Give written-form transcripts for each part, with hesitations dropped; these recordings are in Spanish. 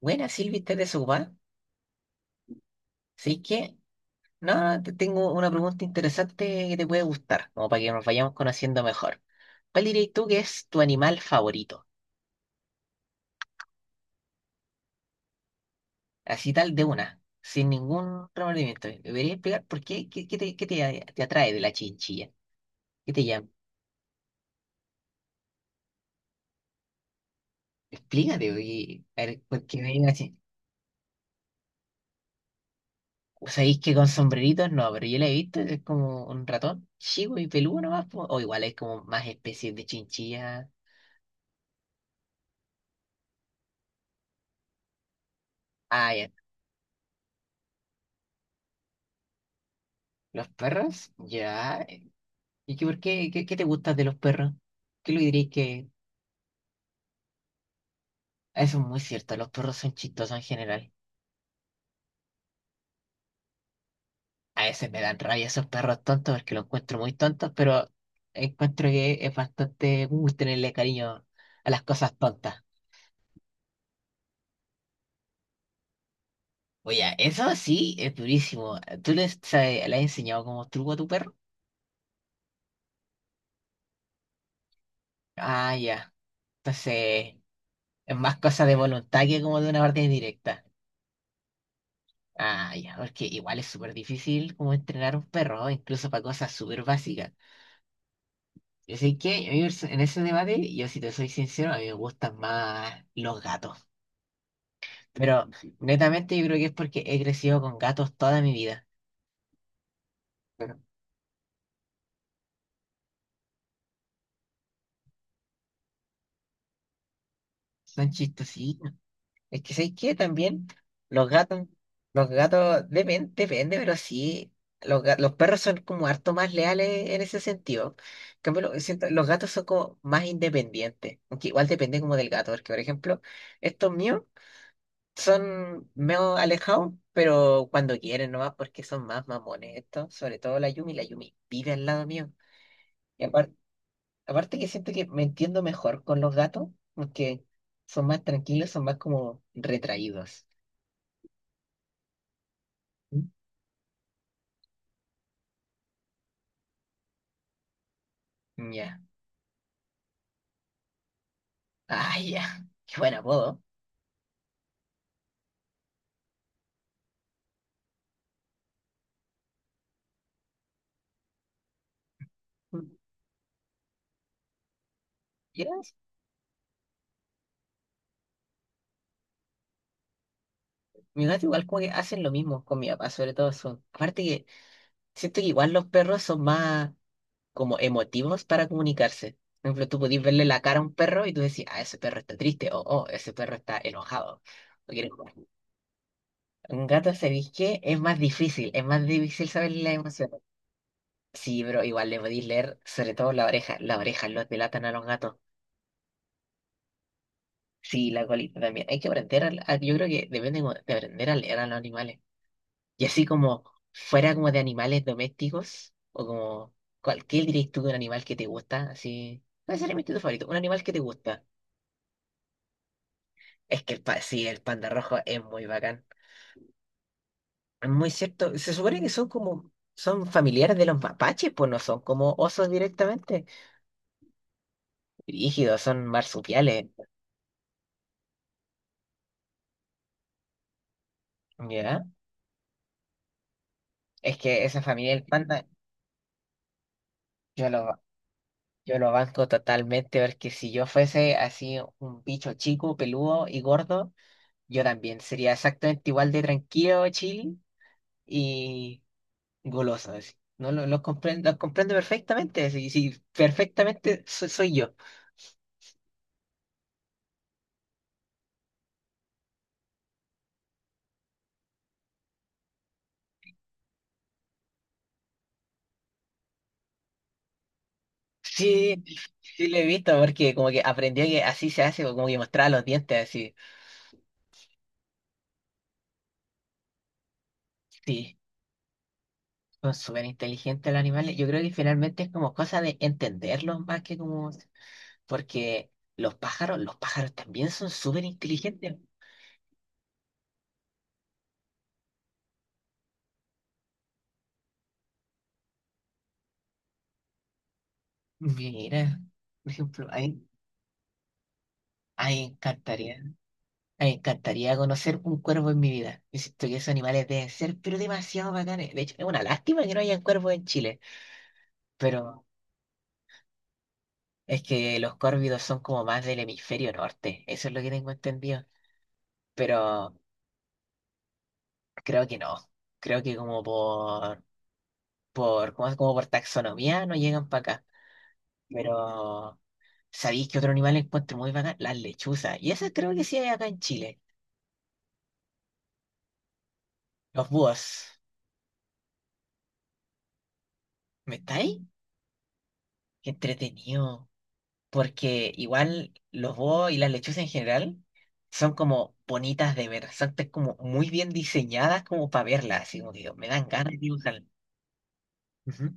Buena, Silvi, ¿estás desocupada? ¿Sí que? No, te tengo una pregunta interesante que te puede gustar, como para que nos vayamos conociendo mejor. ¿Cuál dirías tú que es tu animal favorito? Así tal de una, sin ningún remordimiento. ¿Me podrías explicar por qué? ¿Qué te atrae de la chinchilla? ¿Qué te llama? Explícate, oye, a ver, ¿por qué me llama así? ¿Sabéis que con sombreritos no? Pero yo la he visto, es como un ratón chico y peludo nomás, po. O igual es como más especies de chinchilla. Ah, ya. ¿Los perros? Ya. ¿Y qué, por qué, qué, qué te gusta de los perros? ¿Qué lo diréis que eso es muy cierto? Los perros son chistosos en general. A veces me dan rabia esos perros tontos porque los encuentro muy tontos, pero encuentro que es bastante cool tenerle cariño a las cosas tontas. Oye, eso sí es durísimo. ¿Tú le, sabes- le has enseñado como truco a tu perro? Ah, ya. Entonces, es más cosa de voluntad que como de una orden directa. Ah, ya, porque igual es súper difícil como entrenar a un perro, incluso para cosas súper básicas. Yo sé que a mí perso- en ese debate, yo si te soy sincero, a mí me gustan más los gatos. Pero netamente yo creo que es porque he crecido con gatos toda mi vida. Pero son chistositos. Es que sé que también los gatos, los gatos depende, depende, pero sí, los, ga- los perros son como harto más leales en ese sentido. En cambio, lo- siento- los gatos son como más independientes. Aunque igual depende como del gato, porque por ejemplo, estos míos. Son medio alejados, pero cuando quieren nomás, porque son más mamones estos, sobre todo la Yumi vive al lado mío. Y aparte, aparte que siento que me entiendo mejor con los gatos, porque son más tranquilos, son más como retraídos. Mm. Ya. Ay, ya. Qué buen apodo. Mm. Ya, mi gato igual como que hacen lo mismo con mi papá, sobre todo son. Aparte que siento que igual los perros son más como emotivos para comunicarse. Por ejemplo, tú podías verle la cara a un perro y tú decís, ah, ese perro está triste, o oh, ese perro está enojado. O quiere jugar. Un gato, ¿sabéis qué? Es más difícil saber las emociones. Sí, pero igual le podéis leer, sobre todo la oreja. Las orejas los delatan a los gatos. Sí, la colita también. Hay que aprender, yo creo que deben de aprender a leer a los animales. Y así como fuera como de animales domésticos, o como cualquier diréis tú de un animal que te gusta, así. ¿Cuál sería mi instinto favorito? Un animal que te gusta. Es que el pa- sí, el panda rojo es muy bacán. Es muy cierto. Se supone que son como, son familiares de los mapaches, pues no son como osos directamente. Rígidos, son marsupiales. ¿Ya? Es que esa familia del panda, yo lo, yo lo banco totalmente, porque si yo fuese así un bicho chico, peludo y gordo, yo también sería exactamente igual de tranquilo, chill y goloso. Así. No, lo comprendo, lo comprendo perfectamente, sí, sí, perfectamente so- soy yo. Sí, sí, lo he visto porque como que aprendió que así se hace, como que mostraba los dientes así. Sí, son súper inteligentes los animales. Yo creo que finalmente es como cosa de entenderlos más que como... Porque los pájaros también son súper inteligentes. Mira, por ejemplo, a mí me encantaría, a mí me encantaría conocer un cuervo en mi vida. Insisto que esos animales deben ser, pero demasiado bacanes. De hecho, es una lástima que no hayan cuervos en Chile, pero es que los córvidos son como más del hemisferio norte. Eso es lo que tengo entendido. Pero creo que no. Creo que como como por taxonomía no llegan para acá. Pero, ¿sabéis que otro animal encuentro muy bacán? Las lechuzas. Y esas creo que sí hay acá en Chile. Los búhos. ¿Me estáis? Qué entretenido. Porque igual los búhos y las lechuzas en general son como bonitas de ver. Son te- como muy bien diseñadas como para verlas. Así como que digo, me dan ganas de dibujarlas. Ujú.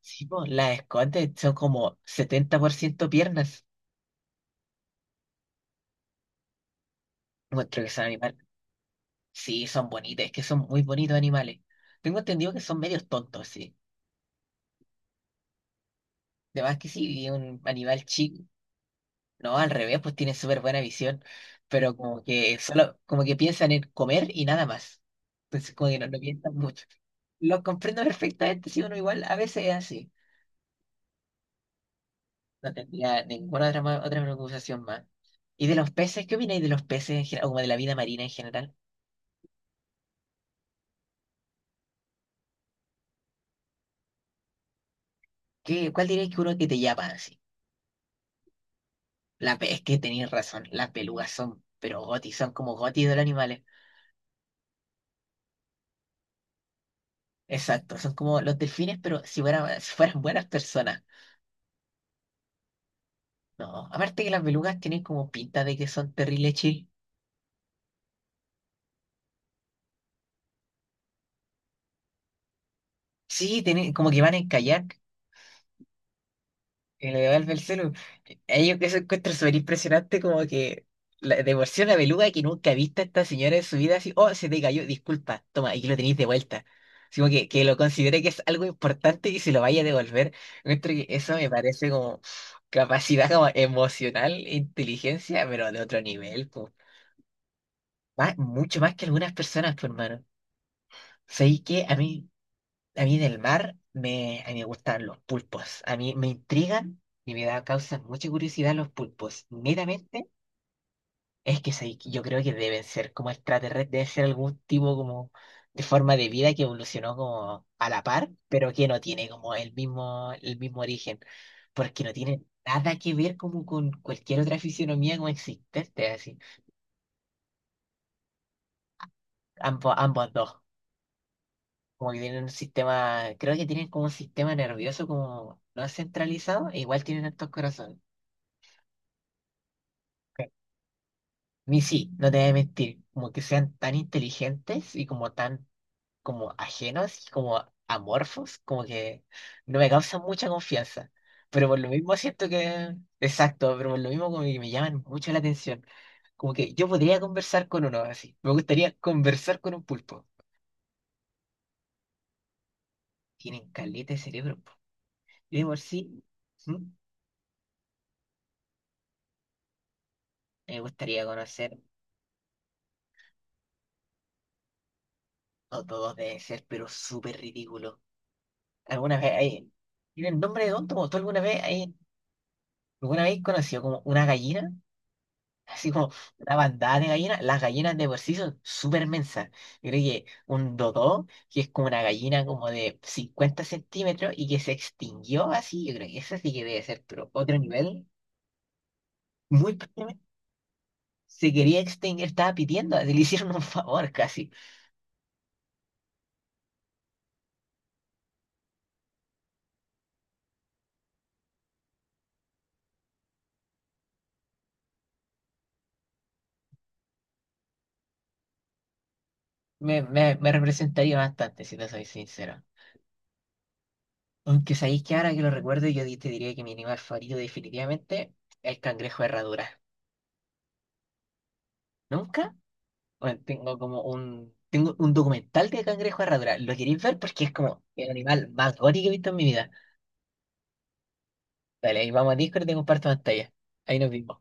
Sí, pues, las escotes son como 70% piernas. Encuentro que son animales. Sí, son bonitos, es que son muy bonitos animales. Tengo entendido que son medios tontos, sí. Además que sí, un animal chico. No, al revés, pues tienen súper buena visión. Pero como que solo, como que piensan en comer y nada más. Entonces como que no, no piensan mucho. Lo comprendo perfectamente, si uno igual a veces es así. No tendría ninguna otra, ma- otra preocupación más. ¿Y de los peces? ¿Qué opináis de los peces en general? O como de la vida marina en general. ¿Qué, cuál diríais que uno que te llama así? La, pe- es que tenéis razón, las belugas son, pero gotis, son como gotis de los animales. Exacto, son como los delfines, pero si fueran, si fueran buenas personas. No, aparte que las belugas tienen como pinta de que son terribles chill. Sí, tienen, como que van a encallar, y le devuelve el celu. Ahí yo que se encuentro súper impresionante, como que la, de por sí una beluga que nunca ha visto a esta señora en su vida, así, oh, se te cayó, disculpa, toma, aquí lo tenéis de vuelta. Así como que lo considere que es algo importante y se lo vaya a devolver. Encuentro que eso me parece como capacidad como emocional, e inteligencia, pero de otro nivel, pues. Más- mucho más que algunas personas, pues, hermano. ¿Sabéis que a mí? A mí del mar me, a mí me gustan los pulpos. A mí me intrigan y me da, causan mucha curiosidad los pulpos. Netamente, es que soy yo creo que deben ser como extraterrestres, debe ser algún tipo como de forma de vida que evolucionó como a la par, pero que no tiene como el mismo origen, porque no tiene nada que ver como con cualquier otra fisionomía como existente, así. Ambos, ambos dos. Como que tienen un sistema, creo que tienen como un sistema nervioso como no es centralizado, e igual tienen altos corazones. Ok. Ni sí, no te voy a mentir, como que sean tan inteligentes y como tan como ajenos y como amorfos, como que no me causan mucha confianza. Pero por lo mismo siento que, exacto, pero por lo mismo como que me llaman mucho la atención. Como que yo podría conversar con uno así. Me gustaría conversar con un pulpo. Tienen caleta de cerebro. Po. Y de por sí, ¿mm? Me gustaría conocer. No todos deben ser, pero súper ridículo. ¿Alguna vez hay... tiene el nombre de tonto? Como ¿tú alguna vez hay... alguna vez has conocido como una gallina? Así como una bandada de gallinas. Las gallinas de por sí son súper mensas. Yo creo que un dodó, que es como una gallina como de 50 cm y que se extinguió así, yo creo que esa sí que debe ser, pero otro nivel. Muy probablemente se quería extinguir, estaba pidiendo, así le hicieron un favor casi. Me representaría bastante, si te soy sincero. Aunque sabéis que ahora que lo recuerdo, yo di- te diría que mi animal favorito definitivamente es el cangrejo de herradura. ¿Nunca? Bueno, tengo un documental de cangrejo de herradura. ¿Lo queréis ver? Porque es como el animal más gótico que he visto en mi vida. Dale, ahí vamos a Discord y te comparto pantalla. Ahí nos vimos.